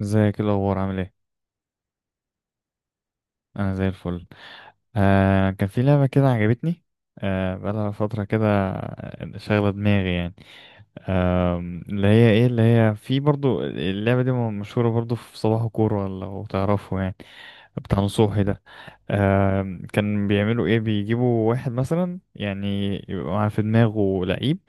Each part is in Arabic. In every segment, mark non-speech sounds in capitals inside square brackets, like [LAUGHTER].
ازيك؟ ايه الاخبار؟ عامل ايه؟ انا زي الفل. آه كان في لعبه كده عجبتني. آه بقالها فتره كده، شاغله دماغي يعني. آه اللي هي في برضو اللعبه دي مشهوره برضو في صباح كوره لو تعرفه يعني. بتاع نصوحي ده. آه كان بيعملوا ايه، بيجيبوا واحد مثلا يعني يبقى في دماغه لعيب،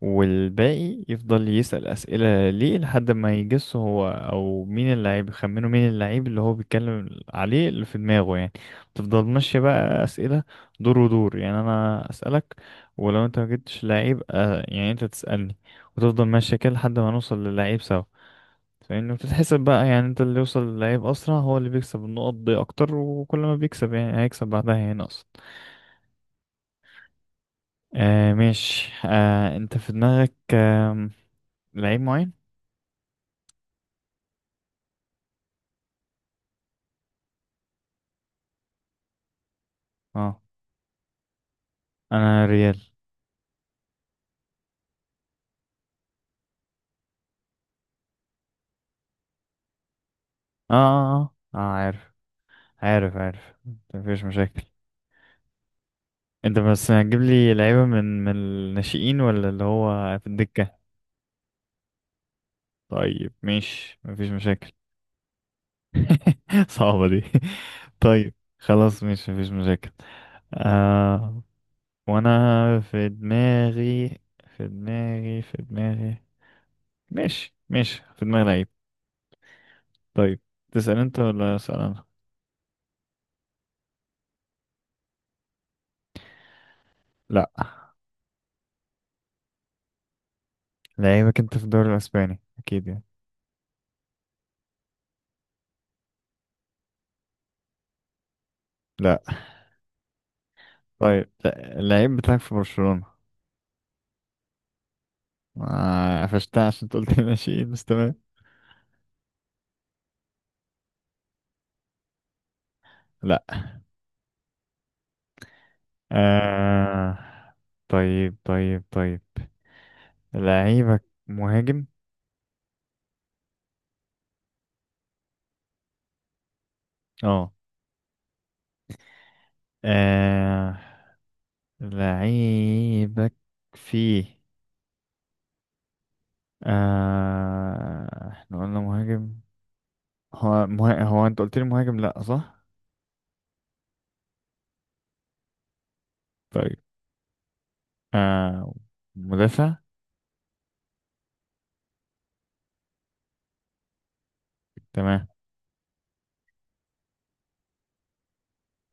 والباقي يفضل يسأل أسئلة ليه لحد ما يجس هو أو مين اللعيب، يخمنه مين اللعيب اللي هو بيتكلم عليه اللي في دماغه يعني. تفضل ماشية بقى أسئلة، دور ودور، يعني أنا أسألك، ولو أنت ما جبتش لعيب يعني أنت تسألني، وتفضل ماشية كده لحد ما نوصل للعيب سوا. فإنه بتتحسب بقى، يعني أنت اللي يوصل للعيب أسرع هو اللي بيكسب النقط دي أكتر، وكل ما بيكسب يعني هيكسب بعدها يعني أقصد. آه ماشي. آه أنت في دماغك آه لعيب معين؟ اه، انا ريال. اه اه اه آه، عارف. عارف عارف. مفيش مشاكل. انت بس هتجيب لي لعيبة من الناشئين ولا اللي هو في الدكة؟ طيب ماشي، مفيش مشاكل. [LAUGHS] صعبة دي. [LAUGHS] طيب. خلاص ماشي، مفيش مشاكل. آه. وانا في دماغي في دماغي. ماشي ماشي، في دماغي لعيب. طيب، تسأل انت ولا اسأل انا؟ لا. لعيبك انت في الدوري الاسباني اكيد يعني. لا. طيب اللعيب بتاعك في برشلونة. آه، قفشتها عشان قلت ماشي [LAUGHS] بس تمام. لا. آه... طيب طيب طيب. لعيبك مهاجم. اه. آه... لعيبك فيه. احنا قلنا مهاجم. هو انت قلت لي مهاجم لا، صح. طيب. آه... مدافع. تمام.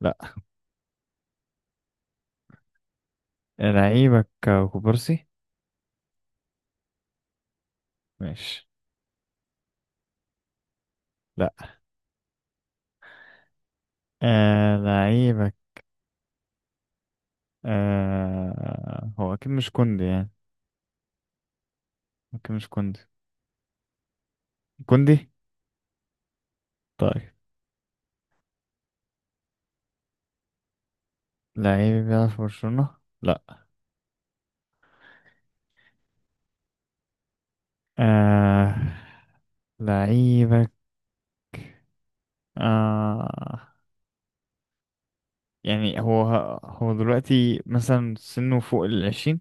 لا. لعيبك كوبارسي. ماشي. لا. لعيبك. آه هو أكيد مش كوندي يعني، أكيد مش كوندي. كوندي. طيب. لعيب بيلعب في برشلونة. لا. آه لعيبك آه يعني هو، هو دلوقتي مثلا سنه فوق العشرين.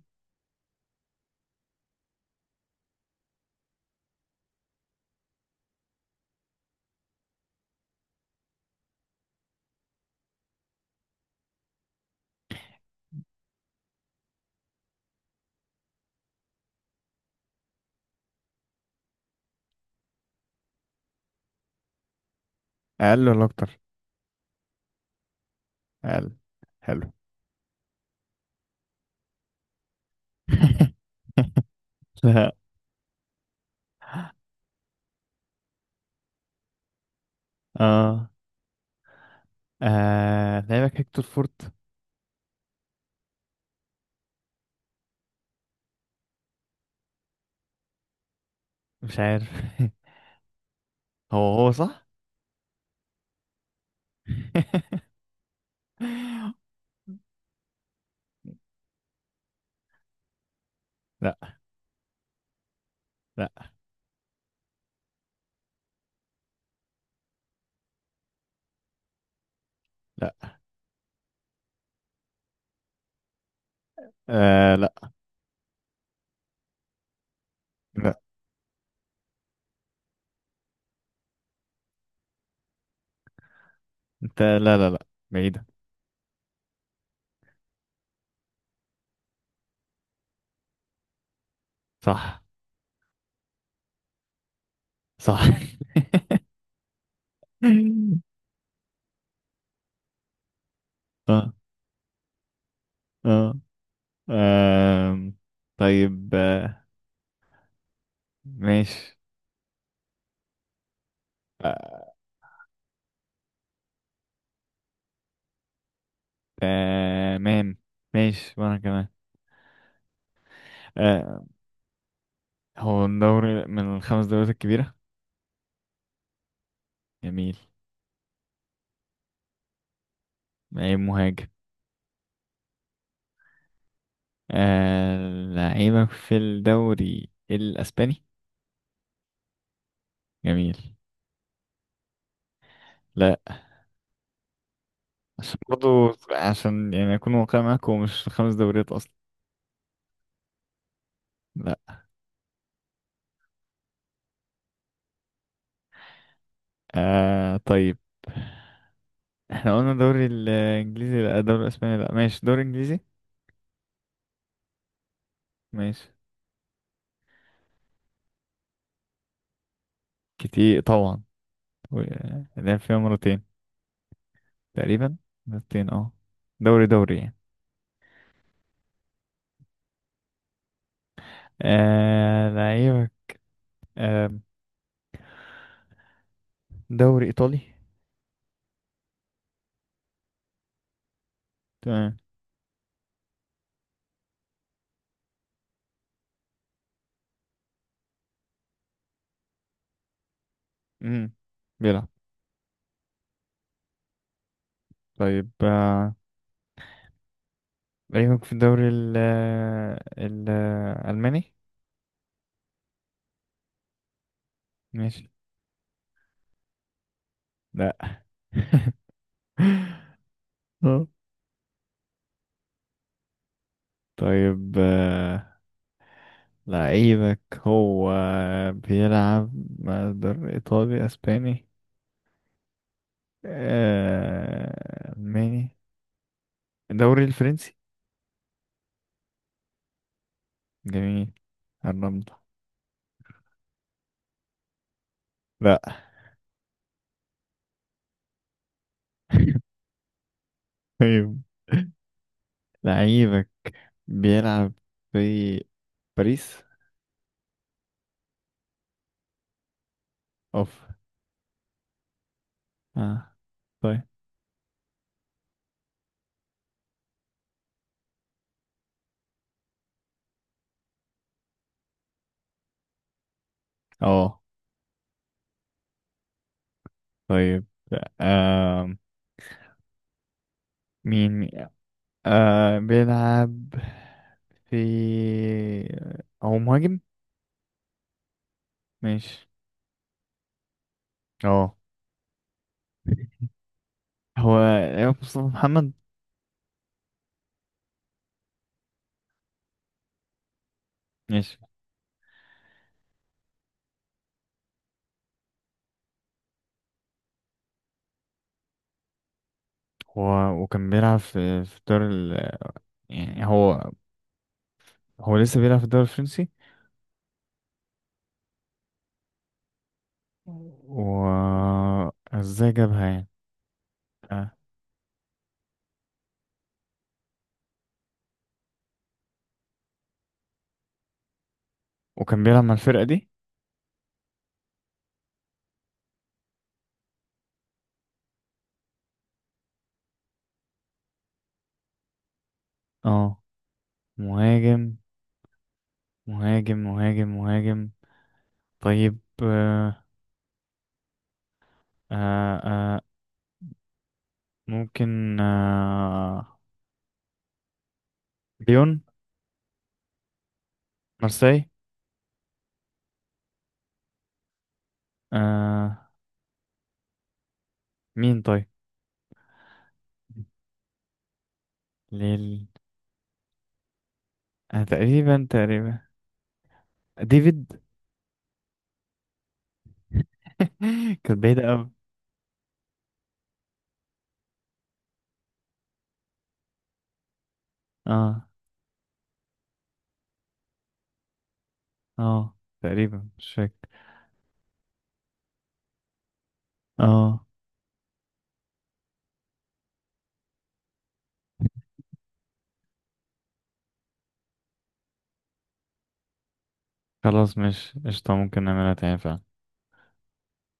أقل ولا أكتر؟ أقل. حلو. [LAUGHS] لا. آه آه لعيبك هيكتور فورت. مش عارف. [LAUGHS] هو هو صح. [LAUGHS] لا لا لا. آه لا. لا لا لا بعيدة. صح. صح. [LAUGHS] اه. اه. آم، طيب، ماشي، آه، تمام. ماشي وانا كمان. آه، هو الدوري من الخمس دوريات الكبيرة. جميل. لعيب مهاجم. آه، لعيبك في الدوري الاسباني. جميل. لا. عشان برضو، عشان يعني اكون واقعي معاك هو مش خمس دوريات اصلا. لا. آه طيب، احنا قلنا دوري الانجليزي لا، دوري الاسباني لا، ماشي دوري انجليزي. ماشي. كتير طبعا. و- لعب فيها مرتين تقريبا. مرتين اه. دوري دوري يعني. آه لعيبك آه دوري ايطالي. تمام. امم بيلعب. طيب آه لعيبك في الدوري الالماني. ماشي. لا. [LAUGHS] آه، طيب، لعيبك هو بيلعب مقدار إيطالي أسباني، ألماني، الدوري الفرنسي. جميل. الرمضة. لا. [LAUGHS] طيب، لعيبك بيلعب في باريس. اوف. اه. طيب. اه. طيب. آه مين آه بيلعب في، هو مهاجم. ماشي. اه. هو ايوب مصطفى محمد. ماشي. هو وكان بيلعب في الدوري ال... يعني هو، هو لسه بيلعب في الدوري الفرنسي. و ازاي جابها يعني. آه. وكان بيلعب مع الفرقة دي. اه مهاجم. مهاجم مهاجم مهاجم. طيب آه آه آه ممكن آه ليون. مارسي. آه مين طيب. ليل. آه تقريبا تقريبا. ديفيد. [LAUGHS] كانت بعيدة أوي. اه اه تقريبا مش فاكر. اه. خلاص، مش قشطة ممكن نعملها تاني فعلا.